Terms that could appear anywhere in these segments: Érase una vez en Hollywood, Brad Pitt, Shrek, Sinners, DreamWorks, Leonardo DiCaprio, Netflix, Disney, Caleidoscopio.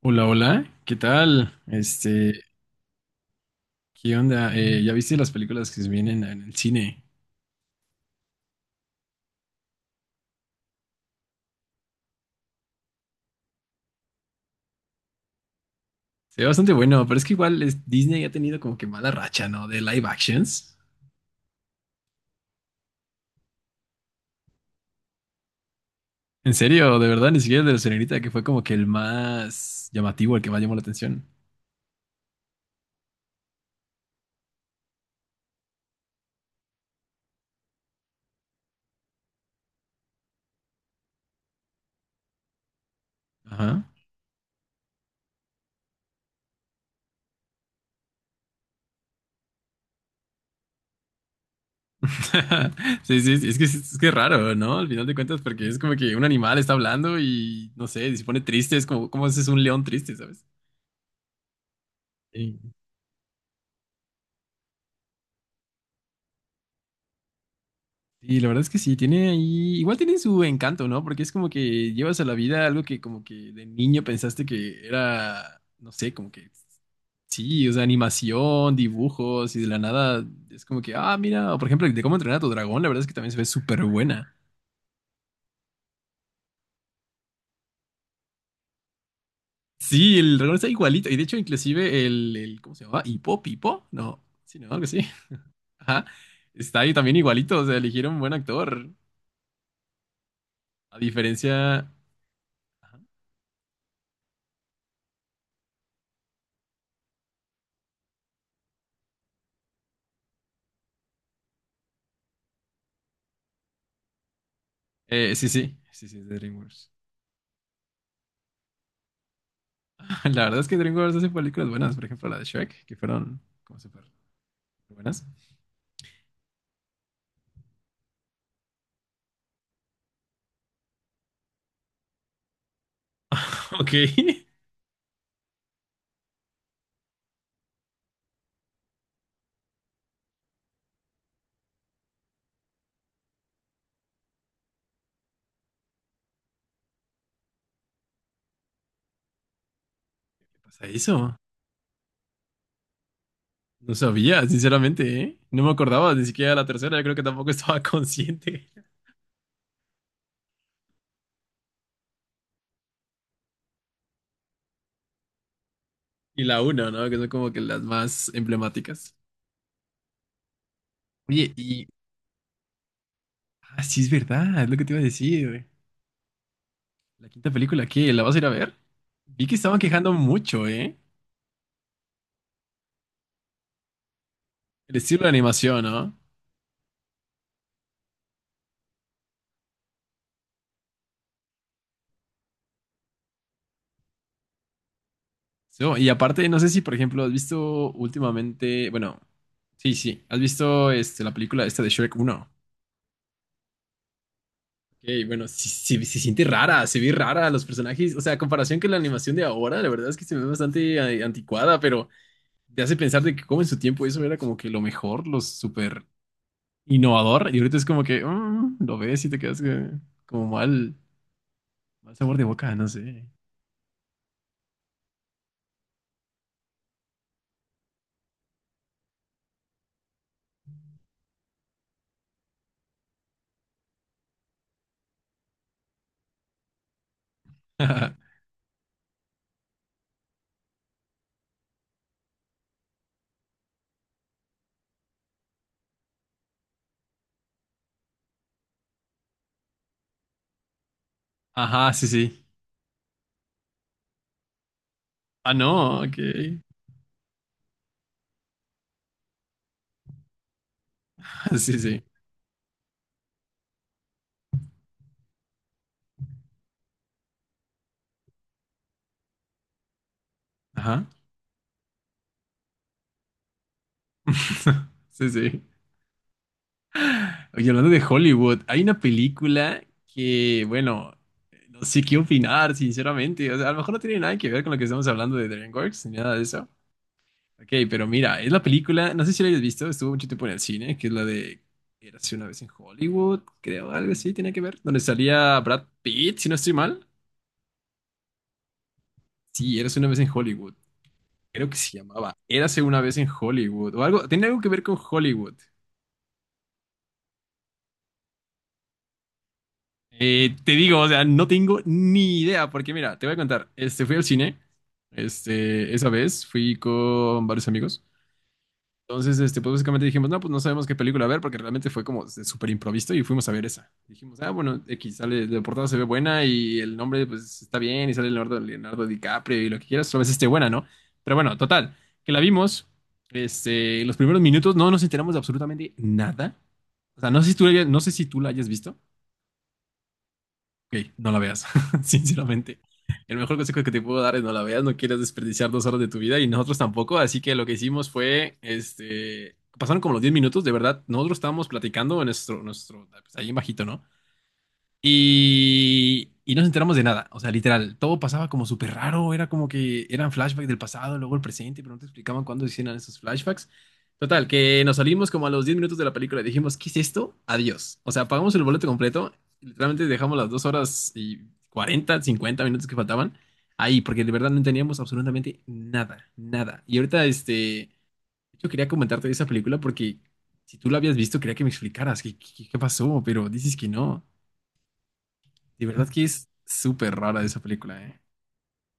Hola, hola, ¿qué tal? ¿Qué onda? ¿Ya viste las películas que se vienen en el cine? Se ve bastante bueno, pero es que igual es- Disney ha tenido como que mala racha, ¿no? De live actions. En serio, de verdad, ni siquiera el de la señorita, que fue como que el más llamativo, el que más llamó la atención. Ajá. Sí, sí, sí, es que es que es raro, ¿no? Al final de cuentas, porque es como que un animal está hablando y, no sé, si se pone triste, es como, ¿cómo haces un león triste, ¿sabes? Sí. Y la verdad es que sí, tiene ahí, igual tiene su encanto, ¿no? Porque es como que llevas a la vida algo que como que de niño pensaste que era, no sé, como que sí, o sea, animación, dibujos y de la nada es como que, ah, mira, o por ejemplo, de cómo entrenar a tu dragón, la verdad es que también se ve súper buena. Sí, el dragón está igualito y de hecho inclusive el ¿cómo se llamaba? Hipo, Pipo, no, sí, no, algo así. Ajá. Está ahí también igualito, o sea, eligieron un buen actor, a diferencia... Ajá. Sí, sí, sí, sí, es de DreamWorks. La verdad es que DreamWorks hace películas buenas, por ejemplo la de Shrek, que fueron, como se Buenas. Ok. ¿Qué pasa eso? No sabía, sinceramente, ¿eh? No me acordaba ni siquiera de la tercera, yo creo que tampoco estaba consciente. Y la una, ¿no? Que son como que las más emblemáticas. Oye, y... Ah, sí, es verdad, es lo que te iba a decir. Güey. La quinta película, ¿qué? ¿La vas a ir a ver? Vi que estaban quejando mucho, ¿eh? El estilo de animación, ¿no? So, y aparte, no sé si, por ejemplo, has visto últimamente, bueno, sí, sí, has visto la película esta de Shrek uno. Ok, bueno, sí, sí, se siente rara, se ve rara los personajes, o sea, a comparación que la animación de ahora, la verdad es que se ve bastante anticuada, pero te hace pensar de que como en su tiempo eso era como que lo mejor, lo súper innovador, y ahorita es como que lo ves y te quedas como mal, mal sabor de boca, no sé. Ajá, sí, sí. Ah, no, ok. Sí, sí. Ajá. Sí, sí. Oye, hablando de Hollywood, hay una película que, bueno, no sé qué opinar, sinceramente. O sea, a lo mejor no tiene nada que ver con lo que estamos hablando de DreamWorks ni nada de eso. Ok, pero mira, es la película, no sé si la hayas visto, estuvo mucho tiempo en el cine, que es la de Érase una vez en Hollywood, creo, algo así, tiene que ver, donde salía Brad Pitt, si no estoy mal. Sí, Érase una vez en Hollywood. Creo que se llamaba Érase una vez en Hollywood o algo, tenía algo que ver con Hollywood. Te digo, o sea, no tengo ni idea, porque mira, te voy a contar, fui al cine, esa vez fui con varios amigos, entonces, pues básicamente dijimos, no, pues no sabemos qué película ver, porque realmente fue como de súper improviso y fuimos a ver esa. Dijimos, ah, bueno, X, sale, la portada se ve buena y el nombre, pues, está bien y sale Leonardo DiCaprio y lo que quieras, tal vez esté buena, ¿no? Pero bueno, total, que la vimos, los primeros minutos no nos enteramos de absolutamente nada, o sea, no sé si tú, la hayas- no sé si tú la hayas visto. Ok, no la veas, sinceramente. El mejor consejo que te puedo dar es no la veas, no quieres desperdiciar 2 horas de tu vida y nosotros tampoco, así que lo que hicimos fue, pasaron como los 10 minutos, de verdad, nosotros estábamos platicando en pues, ahí en bajito, ¿no? Y no nos enteramos de nada. O sea, literal, todo pasaba como súper raro. Era como que eran flashbacks del pasado, luego el presente, pero no te explicaban cuándo hicieron esos flashbacks. Total, que nos salimos como a los 10 minutos de la película y dijimos, ¿qué es esto? Adiós. O sea, pagamos el boleto completo. Literalmente dejamos las 2 horas y 40 50 minutos que faltaban ahí, porque de verdad no teníamos absolutamente nada, nada. Y ahorita, yo quería comentarte de esa película porque si tú la habías visto, quería que me explicaras qué, qué pasó, pero dices que no. De verdad que es súper rara esa película, ¿eh?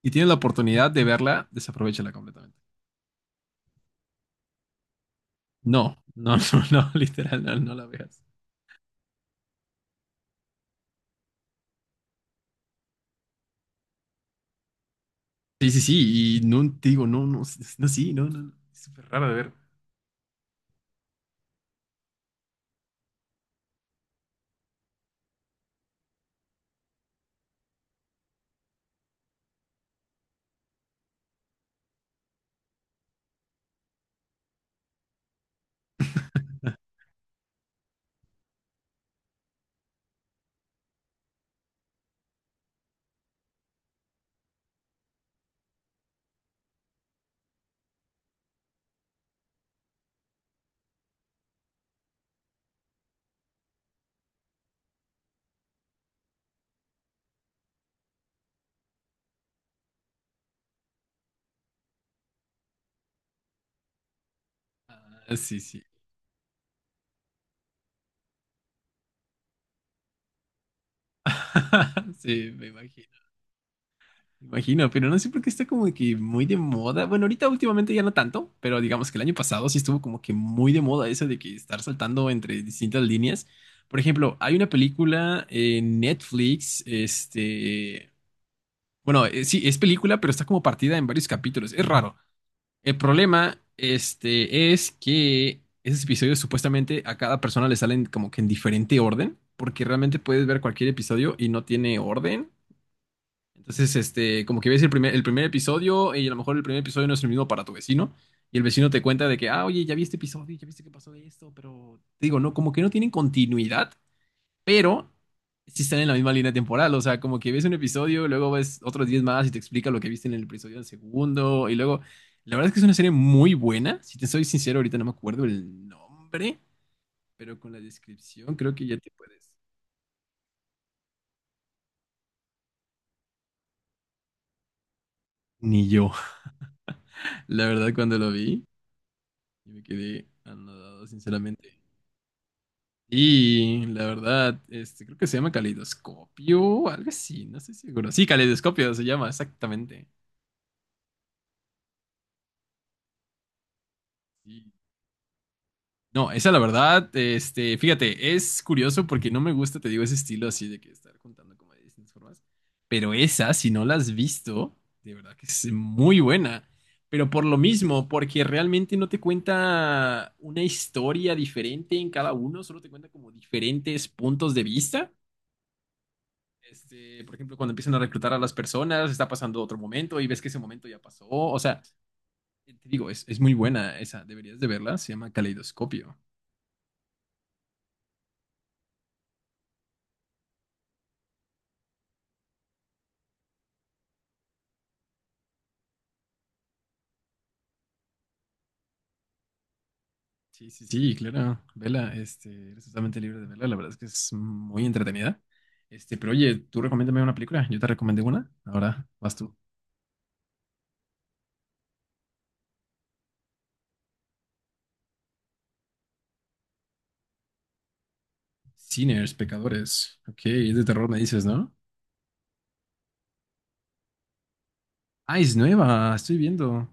Y tienes la oportunidad de verla, desaprovechala completamente. No, no, no, no, literal, no, no la veas. Sí, sí, sí, y no te digo, no, no, no, sí, no, no, no, es súper rara de ver. Ah, sí, sí. Sí, me imagino. Me imagino, pero no sé por qué está como que muy de moda. Bueno, ahorita últimamente ya no tanto, pero digamos que el año pasado sí estuvo como que muy de moda eso de que estar saltando entre distintas líneas. Por ejemplo, hay una película en Netflix, bueno, sí, es película, pero está como partida en varios capítulos. Es raro. El problema, es que esos episodios supuestamente a cada persona le salen como que en diferente orden, porque realmente puedes ver cualquier episodio y no tiene orden. Entonces, como que ves el primer episodio y a lo mejor el primer episodio no es el mismo para tu vecino. Y el vecino te cuenta de que, ah, oye, ya vi este episodio, ya viste que pasó de esto, pero te digo, no, como que no tienen continuidad pero sí están en la misma línea temporal. O sea, como que ves un episodio, luego ves otros 10 más y te explica lo que viste en el episodio del segundo. Y luego, la verdad es que es una serie muy buena. Si te soy sincero, ahorita no me acuerdo el nombre, pero con la descripción creo que ya te puedes. Ni yo. La verdad, cuando lo vi, yo me quedé anodado, sinceramente. Y la verdad, creo que se llama caleidoscopio, algo así, no estoy seguro. Sí, caleidoscopio se llama, exactamente. Sí. No, esa la verdad, fíjate, es curioso porque no me gusta, te digo, ese estilo así de que estar contando como de distintas formas. Pero esa, si no la has visto, de verdad que es muy buena. Pero por lo mismo, porque realmente no te cuenta una historia diferente en cada uno, solo te cuenta como diferentes puntos de vista. Por ejemplo, cuando empiezan a reclutar a las personas, está pasando otro momento y ves que ese momento ya pasó. O sea, te digo, es muy buena esa, deberías de verla, se llama Caleidoscopio. Sí, sí, sí, claro, vela, eres totalmente libre de verla, la verdad es que es muy entretenida. Pero oye, tú recomiéndame una película, yo te recomendé una, ahora vas tú. Sinners, pecadores, ok, es de terror me dices, ¿no? Ah, es nueva, estoy viendo.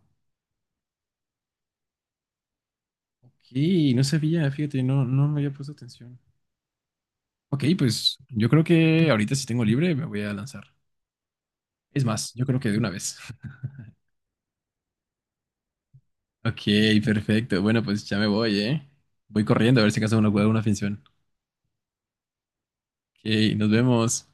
Ok, no sabía, fíjate, no, no me había puesto atención. Ok, pues yo creo que ahorita si tengo libre me voy a lanzar. Es más, yo creo que de una vez. Ok, perfecto, bueno, pues ya me voy, ¿eh? Voy corriendo a ver si acaso uno puede una finción. Ok, nos vemos.